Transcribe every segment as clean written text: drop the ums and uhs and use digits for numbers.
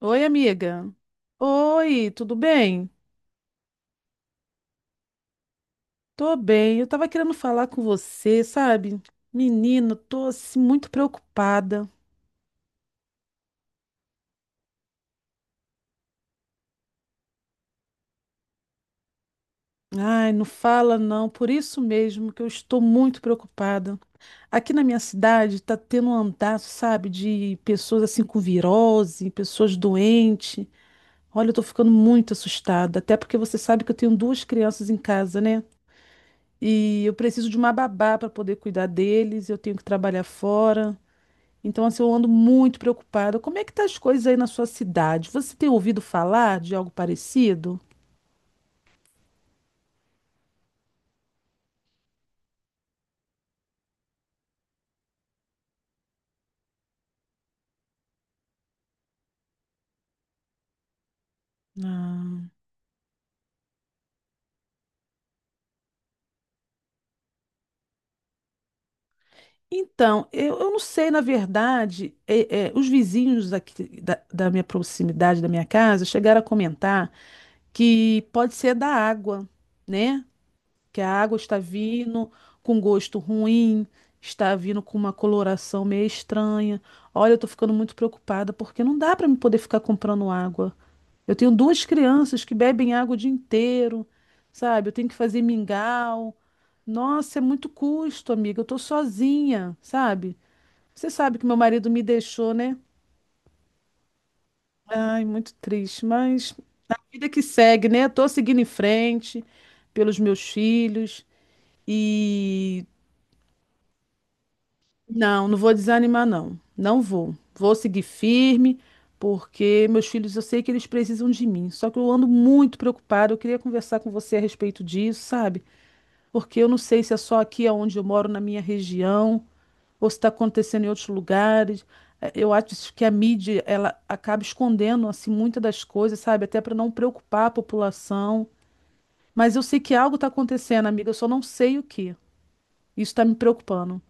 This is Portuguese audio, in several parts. Oi, amiga. Oi, tudo bem? Tô bem. Eu tava querendo falar com você, sabe? Menino, tô assim muito preocupada. Ai, não fala não. Por isso mesmo que eu estou muito preocupada. Aqui na minha cidade tá tendo um andaço, sabe, de pessoas assim com virose, pessoas doentes. Olha, eu tô ficando muito assustada, até porque você sabe que eu tenho duas crianças em casa, né? E eu preciso de uma babá para poder cuidar deles, eu tenho que trabalhar fora. Então, assim, eu ando muito preocupada. Como é que tá as coisas aí na sua cidade? Você tem ouvido falar de algo parecido? Ah. Então, eu não sei, na verdade, os vizinhos aqui da minha proximidade, da minha casa, chegaram a comentar que pode ser da água, né? Que a água está vindo com gosto ruim, está vindo com uma coloração meio estranha. Olha, eu tô ficando muito preocupada porque não dá para me poder ficar comprando água. Eu tenho duas crianças que bebem água o dia inteiro, sabe? Eu tenho que fazer mingau. Nossa, é muito custo, amiga. Eu tô sozinha, sabe? Você sabe que meu marido me deixou, né? Ai, muito triste, mas a vida que segue, né? Tô seguindo em frente pelos meus filhos e não, não vou desanimar, não. Não vou. Vou seguir firme, porque meus filhos, eu sei que eles precisam de mim. Só que eu ando muito preocupada. Eu queria conversar com você a respeito disso, sabe? Porque eu não sei se é só aqui onde eu moro, na minha região, ou se está acontecendo em outros lugares. Eu acho que a mídia ela acaba escondendo assim muitas das coisas, sabe? Até para não preocupar a população. Mas eu sei que algo está acontecendo, amiga, eu só não sei o que. Isso está me preocupando.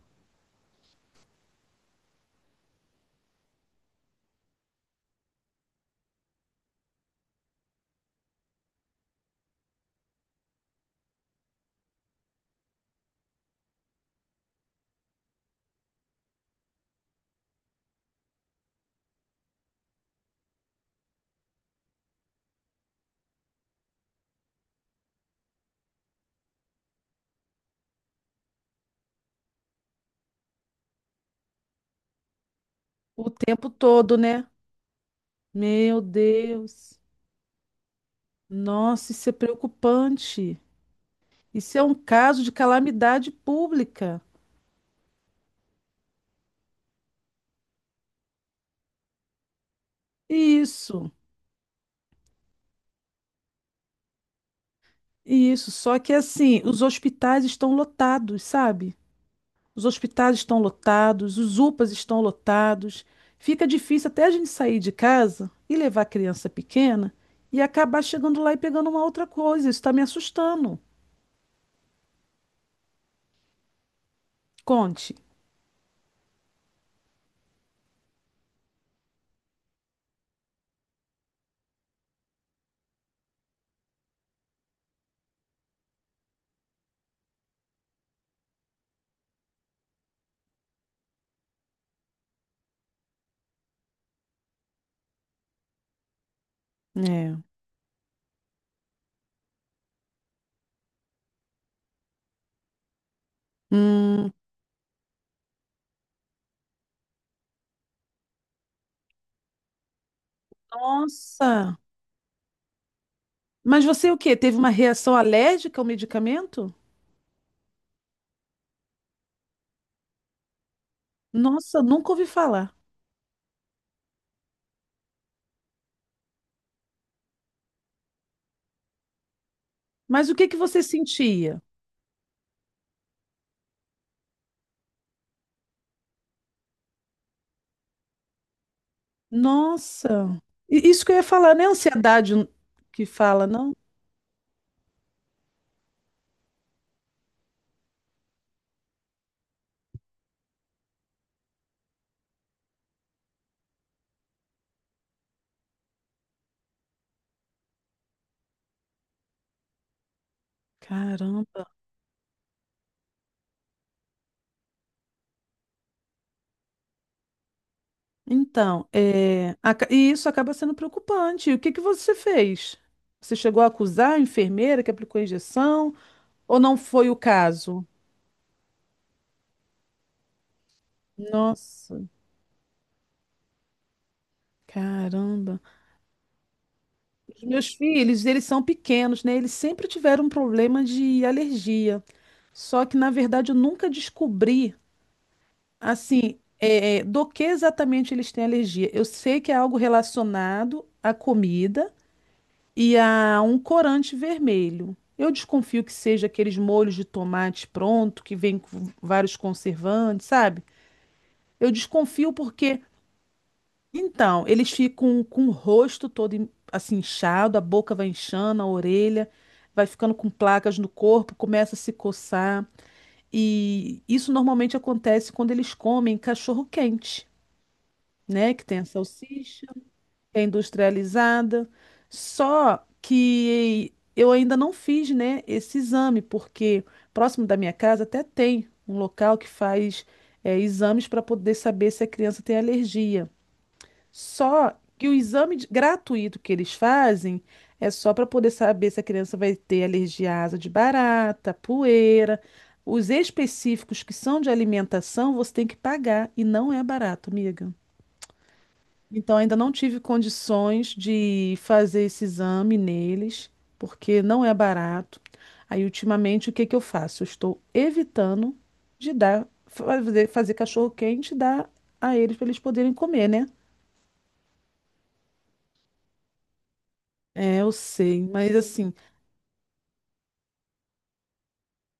O tempo todo, né? Meu Deus. Nossa, isso é preocupante. Isso é um caso de calamidade pública. Isso. Isso, só que assim, os hospitais estão lotados, sabe? Os hospitais estão lotados, os UPAs estão lotados. Fica difícil até a gente sair de casa e levar a criança pequena e acabar chegando lá e pegando uma outra coisa. Isso está me assustando. Conte. É. Hum, nossa. Mas você o quê? Teve uma reação alérgica ao medicamento? Nossa, nunca ouvi falar. Mas o que que você sentia? Nossa! Isso que eu ia falar, não é ansiedade que fala, não? Caramba. Então, e isso acaba sendo preocupante. O que que você fez? Você chegou a acusar a enfermeira que aplicou a injeção ou não foi o caso? Nossa, caramba. Os meus filhos, eles são pequenos, né? Eles sempre tiveram um problema de alergia. Só que, na verdade, eu nunca descobri. Assim, do que exatamente eles têm alergia? Eu sei que é algo relacionado à comida e a um corante vermelho. Eu desconfio que seja aqueles molhos de tomate pronto, que vem com vários conservantes, sabe? Eu desconfio porque, então, eles ficam com o rosto todo assim inchado, a boca vai inchando, a orelha vai ficando com placas no corpo, começa a se coçar. E isso normalmente acontece quando eles comem cachorro quente, né? Que tem a salsicha, que é industrializada. Só que eu ainda não fiz, né, esse exame, porque próximo da minha casa até tem um local que faz exames para poder saber se a criança tem alergia. Só que o exame gratuito que eles fazem é só para poder saber se a criança vai ter alergia à asa de barata, poeira. Os específicos que são de alimentação, você tem que pagar e não é barato, amiga. Então, ainda não tive condições de fazer esse exame neles, porque não é barato. Aí, ultimamente, o que que eu faço? Eu estou evitando de fazer cachorro-quente e dar a eles para eles poderem comer, né? É, eu sei, mas assim,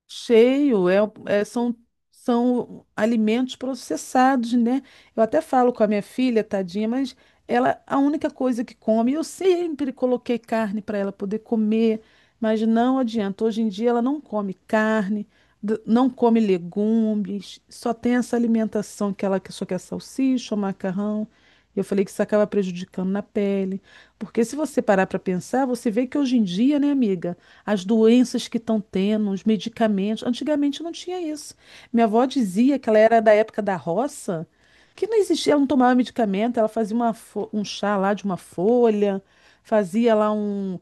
Cheio, são, são alimentos processados, né? Eu até falo com a minha filha, tadinha, mas ela, a única coisa que come, eu sempre coloquei carne para ela poder comer, mas não adianta. Hoje em dia ela não come carne, não come legumes, só tem essa alimentação que ela só quer salsicha, ou macarrão. Eu falei que isso acaba prejudicando na pele, porque se você parar para pensar, você vê que hoje em dia, né, amiga, as doenças que estão tendo, os medicamentos. Antigamente não tinha isso. Minha avó dizia que ela era da época da roça, que não existia, ela não tomava medicamento, ela fazia um chá lá de uma folha, fazia lá um,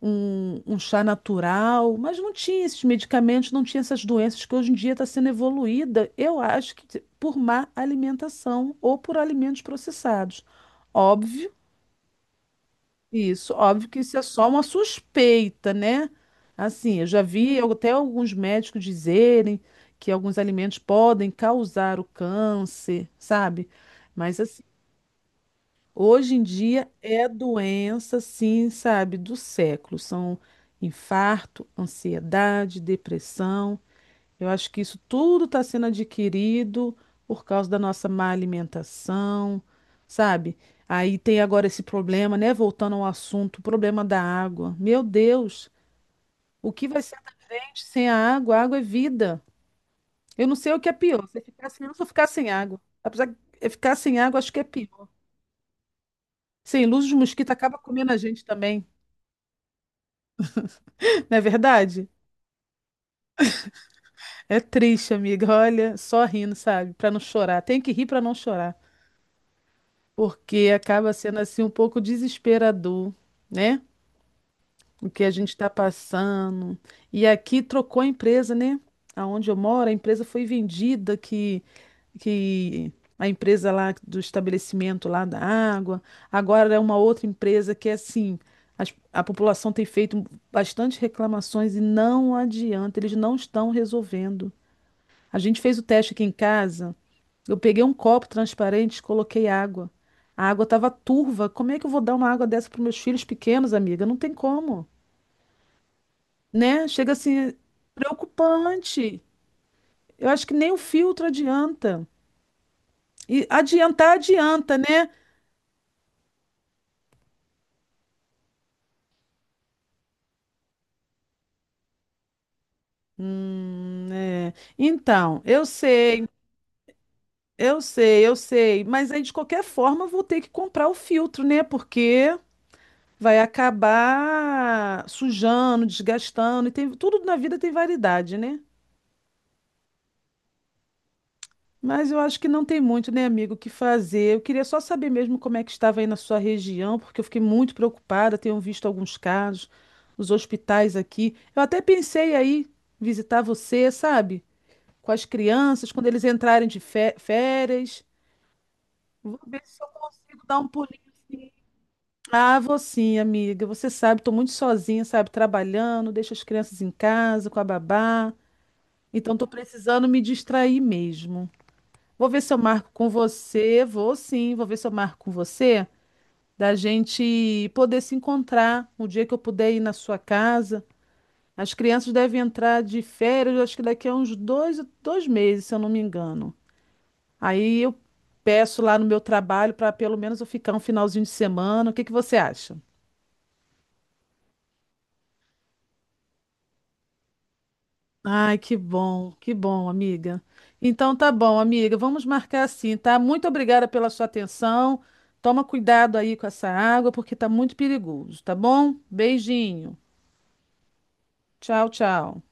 um, um chá natural, mas não tinha esses medicamentos, não tinha essas doenças que hoje em dia está sendo evoluída, eu acho que por má alimentação ou por alimentos processados. Óbvio isso, óbvio que isso é só uma suspeita, né? Assim, eu já vi até alguns médicos dizerem que alguns alimentos podem causar o câncer, sabe? Mas assim, hoje em dia é doença, sim, sabe, do século. São infarto, ansiedade, depressão. Eu acho que isso tudo está sendo adquirido por causa da nossa má alimentação, sabe? Aí tem agora esse problema, né? Voltando ao assunto, o problema da água. Meu Deus, o que vai ser da gente sem a água? A água é vida. Eu não sei o que é pior, se ficar sem luz ou ficar sem água. Apesar de ficar sem água, acho que é pior. Sem luz, os mosquitos acabam comendo a gente também, não é verdade? É triste, amiga. Olha, só rindo, sabe? Para não chorar. Tem que rir para não chorar. Porque acaba sendo assim um pouco desesperador, né? O que a gente está passando. E aqui trocou a empresa, né? Aonde eu moro, a empresa foi vendida, que a empresa lá do estabelecimento lá da água, agora é uma outra empresa que é assim. A população tem feito bastante reclamações e não adianta, eles não estão resolvendo. A gente fez o teste aqui em casa, eu peguei um copo transparente, coloquei água. A água estava turva. Como é que eu vou dar uma água dessa para meus filhos pequenos, amiga? Não tem como, né? Chega assim, é preocupante. Eu acho que nem o filtro adianta. E adiantar adianta, né? É. Então, eu sei, mas aí de qualquer forma eu vou ter que comprar o filtro, né? Porque vai acabar sujando, desgastando, e tem, tudo na vida tem variedade, né? Mas eu acho que não tem muito, né, amigo, o que fazer. Eu queria só saber mesmo como é que estava aí na sua região, porque eu fiquei muito preocupada, tenho visto alguns casos, os hospitais aqui. Eu até pensei aí visitar você, sabe? Com as crianças, quando eles entrarem de férias. Vou ver se eu consigo dar um pulinho assim. Ah, vou sim, amiga. Você sabe, estou muito sozinha, sabe? Trabalhando, deixo as crianças em casa com a babá. Então, estou precisando me distrair mesmo. Vou ver se eu marco com você. Vou sim, vou ver se eu marco com você. Da gente poder se encontrar o dia que eu puder ir na sua casa. As crianças devem entrar de férias, acho que daqui a uns 2 meses, se eu não me engano. Aí eu peço lá no meu trabalho para pelo menos eu ficar um finalzinho de semana. O que que você acha? Ai, que bom, amiga. Então tá bom, amiga, vamos marcar assim, tá? Muito obrigada pela sua atenção. Toma cuidado aí com essa água, porque tá muito perigoso, tá bom? Beijinho. Tchau, tchau.